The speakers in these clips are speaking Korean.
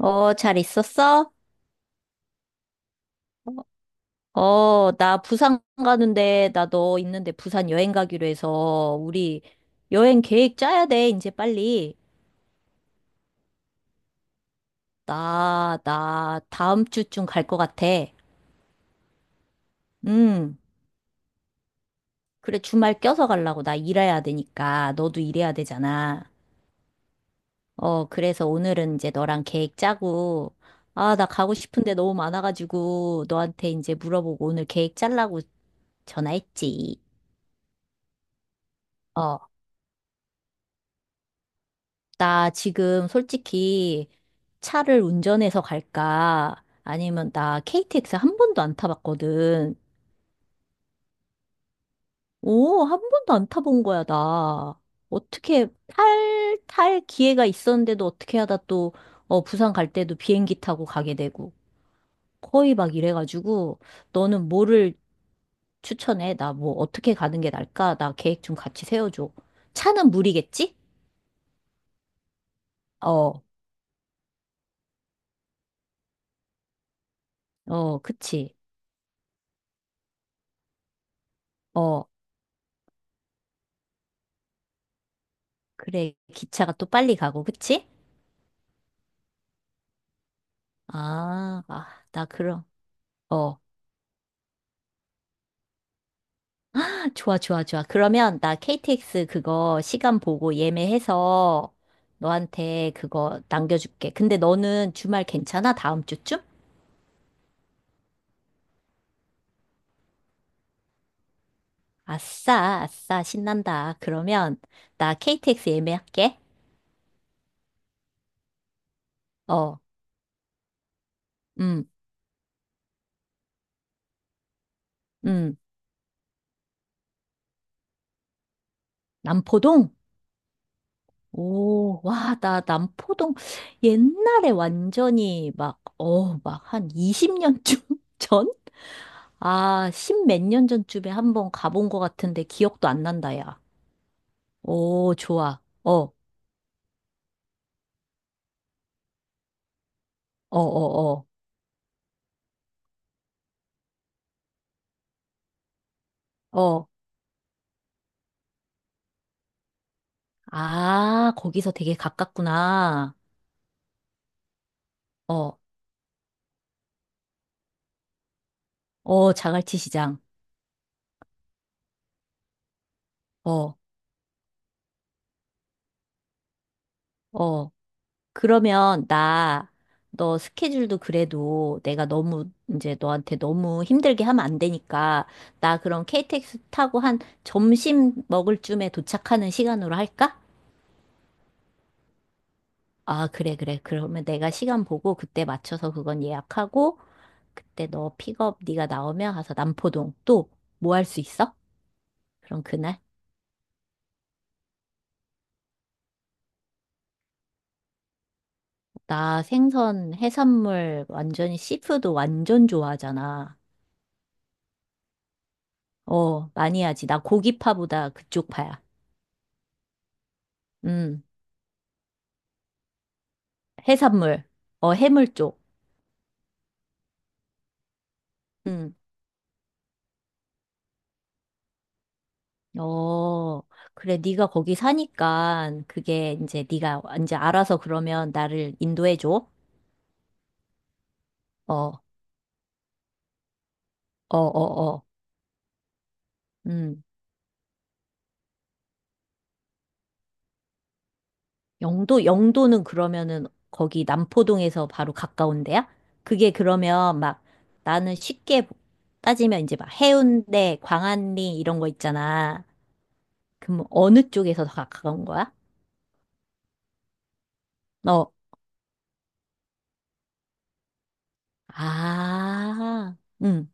어, 잘 있었어? 어, 나 부산 가는데, 나 너 있는데 부산 여행 가기로 해서, 우리 여행 계획 짜야 돼, 이제 빨리. 나 다음 주쯤 갈 것 같아. 음, 그래, 주말 껴서 가려고. 나 일해야 되니까. 너도 일해야 되잖아. 어, 그래서 오늘은 이제 너랑 계획 짜고, 아, 나 가고 싶은데 너무 많아가지고, 너한테 이제 물어보고 오늘 계획 짜려고 전화했지. 어, 나 지금 솔직히 차를 운전해서 갈까? 아니면 나 KTX 한 번도 안 타봤거든. 오, 한 번도 안 타본 거야, 나. 어떻게 탈 기회가 있었는데도 어떻게 하다 또, 어, 부산 갈 때도 비행기 타고 가게 되고. 거의 막 이래가지고, 너는 뭐를 추천해? 나 뭐 어떻게 가는 게 나을까? 나 계획 좀 같이 세워줘. 차는 무리겠지? 어, 어, 그치. 어, 그래. 기차가 또 빨리 가고, 그치? 아, 아, 나 그럼. 어, 좋아, 좋아, 좋아. 그러면 나 KTX 그거 시간 보고 예매해서 너한테 그거 남겨줄게. 근데 너는 주말 괜찮아? 다음 주쯤? 아싸, 아싸, 신난다. 그러면 나 KTX 예매할게. 어, 음, 음, 남포동? 오, 와, 나 남포동 옛날에 완전히 막, 어, 막 한 20년쯤 전? 아, 십 몇 년 전쯤에 한번 가본 것 같은데 기억도 안 난다, 야. 오, 좋아. 어, 어, 어, 어, 어. 아, 거기서 되게 가깝구나. 어, 어, 자갈치 시장. 어, 어, 그러면 나 너 스케줄도 그래도 내가 너무 이제 너한테 너무 힘들게 하면 안 되니까 나 그럼 KTX 타고 한 점심 먹을 쯤에 도착하는 시간으로 할까? 아, 그래, 그래. 그러면 내가 시간 보고 그때 맞춰서 그건 예약하고 그때 너 픽업 네가 나오면 가서 남포동 또 뭐 할 수 있어? 그럼 그날 나 생선 해산물 완전히 씨푸드 완전 좋아하잖아. 어, 많이 하지. 나 고기파보다 그쪽 파야. 음. 해산물. 어, 해물 쪽. 응, 어, 그래, 네가 거기 사니까 그게 이제 네가 이제 알아서 그러면 나를 인도해 줘. 어, 어, 어, 어. 음. 영도, 영도는 그러면은 거기 남포동에서 바로 가까운 데야? 그게 그러면 막 나는 쉽게 따지면 이제 막 해운대, 광안리 이런 거 있잖아. 그럼 어느 쪽에서 더 가까운 거야? 어. 아. 응.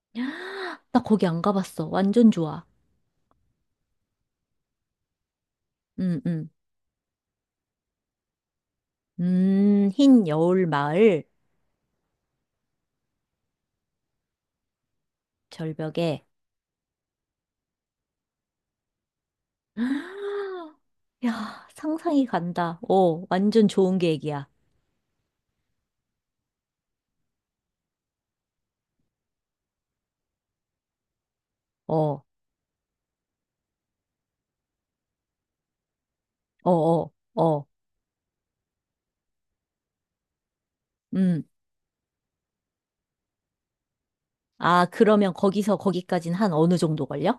헉, 나 거기 안 가봤어. 완전 좋아. 음, 음. 흰 여울 마을 절벽에. 헉, 야, 상상이 간다. 어, 완전 좋은 계획이야. 어, 어, 어, 어. 음. 아, 그러면 거기서 거기까진 한 어느 정도 걸려?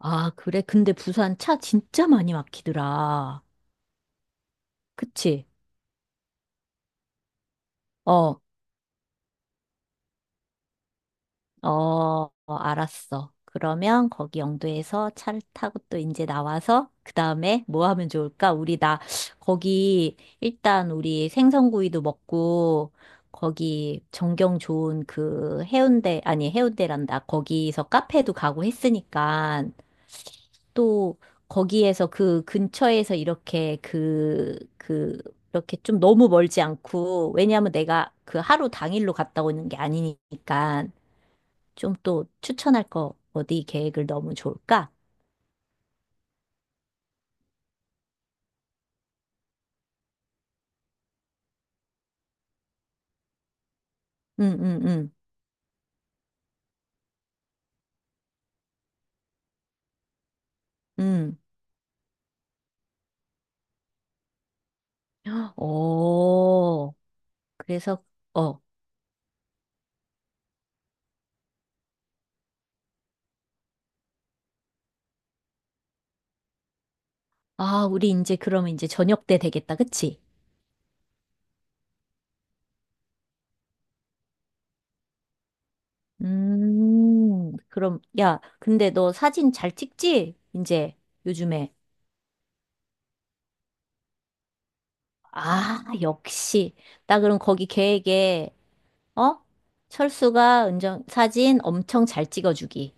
아, 그래. 근데 부산 차 진짜 많이 막히더라. 그치? 어, 어, 어, 알았어. 그러면 거기 영도에서 차를 타고 또 이제 나와서 그 다음에 뭐 하면 좋을까? 우리 나 거기 일단 우리 생선구이도 먹고 거기 전경 좋은 그 해운대, 아니 해운대란다. 거기서 카페도 가고 했으니까 또 거기에서 그 근처에서 이렇게 그, 이렇게 좀 너무 멀지 않고, 왜냐하면 내가 그 하루 당일로 갔다 오는 게 아니니까. 좀 또 추천할 거 어디 계획을 넣으면 좋을까? 응, 응, 응, 응. 어, 그래서, 어, 아, 우리 이제 그러면 이제 저녁 때 되겠다, 그치? 그럼, 야, 근데 너 사진 잘 찍지? 이제 요즘에. 아, 역시. 나 그럼 거기 계획에, 어? 철수가 은정 사진 엄청 잘 찍어주기.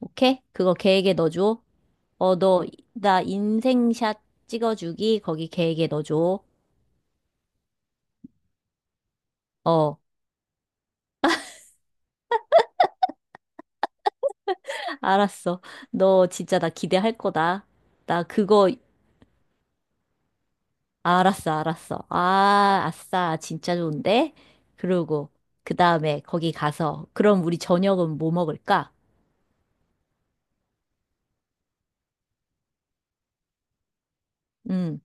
오케이? 그거 계획에 넣어줘. 어, 너, 나 인생샷 찍어주기 거기 계획에 넣어줘. 어, 알았어. 너 진짜 나 기대할 거다. 나 그거, 알았어, 알았어. 아, 아싸, 진짜 좋은데? 그러고, 그 다음에 거기 가서, 그럼 우리 저녁은 뭐 먹을까? 음,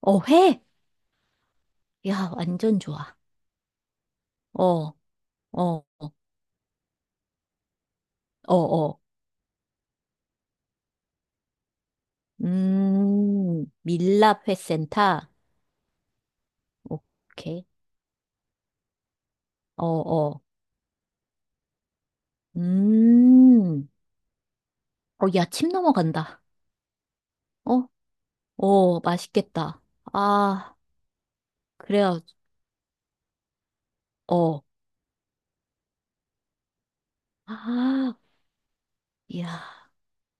어, 회! 야, 완전 좋아. 어, 어, 어, 어. 밀랍 회센터. 오케이. 어, 어. 음. 어, 야, 침 넘어간다. 어? 어, 맛있겠다. 아, 그래요. 어. 아, 야,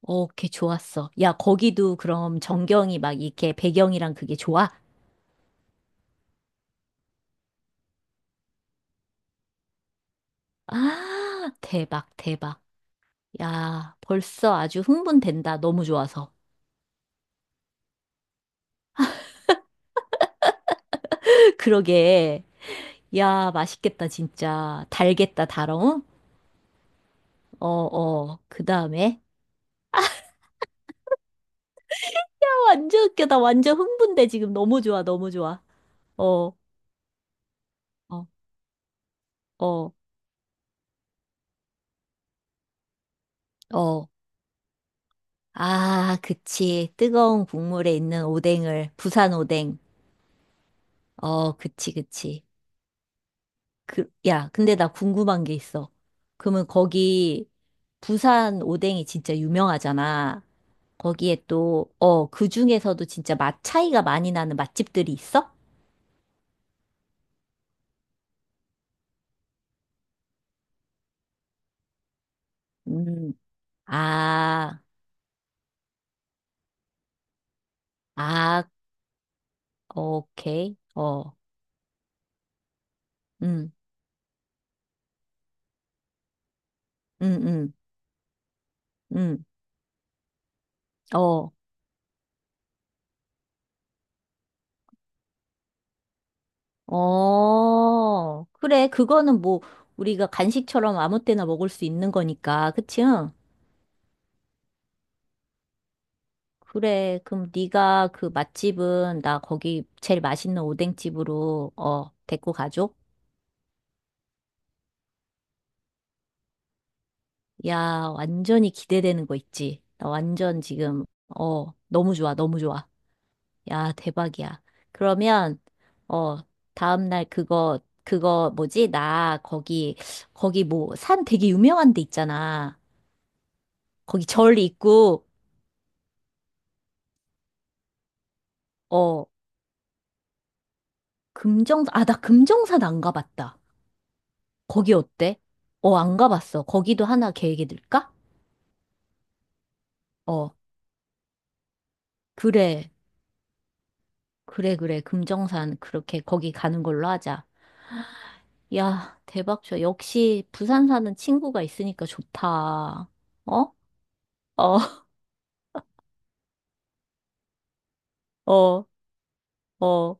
어, 걔 좋았어. 야, 거기도 그럼 전경이 막 이렇게 배경이랑 그게 좋아? 아, 대박, 대박. 야, 벌써 아주 흥분된다. 너무 좋아서. 그러게. 야, 맛있겠다, 진짜. 달겠다, 달어. 어, 어. 그 다음에. 완전 웃겨. 나 완전 흥분돼. 지금 너무 좋아, 너무 좋아. 어, 어, 어, 어. 아, 그치. 뜨거운 국물에 있는 오뎅을, 부산 오뎅. 어, 그치, 그치. 그, 야, 근데 나 궁금한 게 있어. 그러면 거기, 부산 오뎅이 진짜 유명하잖아. 거기에 또, 어, 그 중에서도 진짜 맛 차이가 많이 나는 맛집들이 있어? 음, 아, 아, 오케이. 어, 음, 음, 음, 음, 어. 어, 그래. 그거는 뭐, 우리가 간식처럼 아무 때나 먹을 수 있는 거니까. 그치? 응? 그래. 그럼 네가 그 맛집은 나 거기 제일 맛있는 오뎅집으로, 어, 데리고 가줘? 야, 완전히 기대되는 거 있지? 나 완전 지금, 어, 너무 좋아. 너무 좋아. 야, 대박이야. 그러면, 어, 다음날 그거, 그거 뭐지? 나 거기, 거기 뭐, 산 되게 유명한 데 있잖아. 거기 절 있고, 어, 금정사, 아, 나 금정산 안 가봤다. 거기 어때? 어, 안 가봤어. 거기도 하나 계획이 들까? 어, 그래. 그래, 그래. 금정산, 그렇게 거기 가는 걸로 하자. 야, 대박이야. 역시 부산 사는 친구가 있으니까 좋다. 어? 어, 어, 어.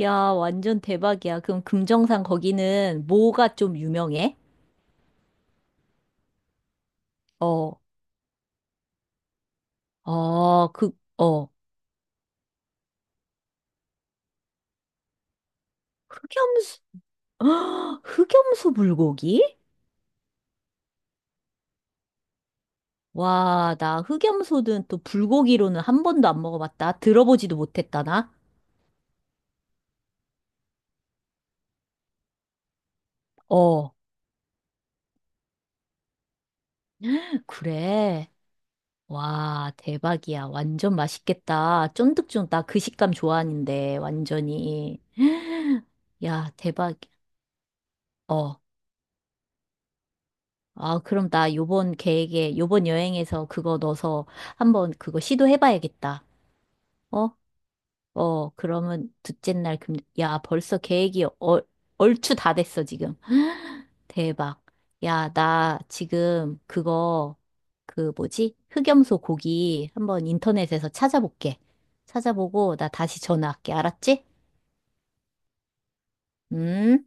야, 완전 대박이야. 그럼 금정산 거기는 뭐가 좀 유명해? 어, 어, 그, 어. 흑염소, 흑염소 불고기? 와, 나 흑염소는 또 불고기로는 한 번도 안 먹어봤다. 들어보지도 못했다, 나. 어, 그래. 와, 대박이야. 완전 맛있겠다. 쫀득쫀득. 나 그 식감 좋아하는데, 완전히. 야, 대박. 어. 아, 그럼 나 요번 계획에, 요번 여행에서 그거 넣어서 한번 그거 시도해봐야겠다. 어? 어, 그러면 둘째 날 금, 야, 벌써 계획이 얼추 다 됐어, 지금. 대박. 야, 나 지금 그거, 그 뭐지? 흑염소 고기 한번 인터넷에서 찾아볼게. 찾아보고 나 다시 전화할게. 알았지? 음.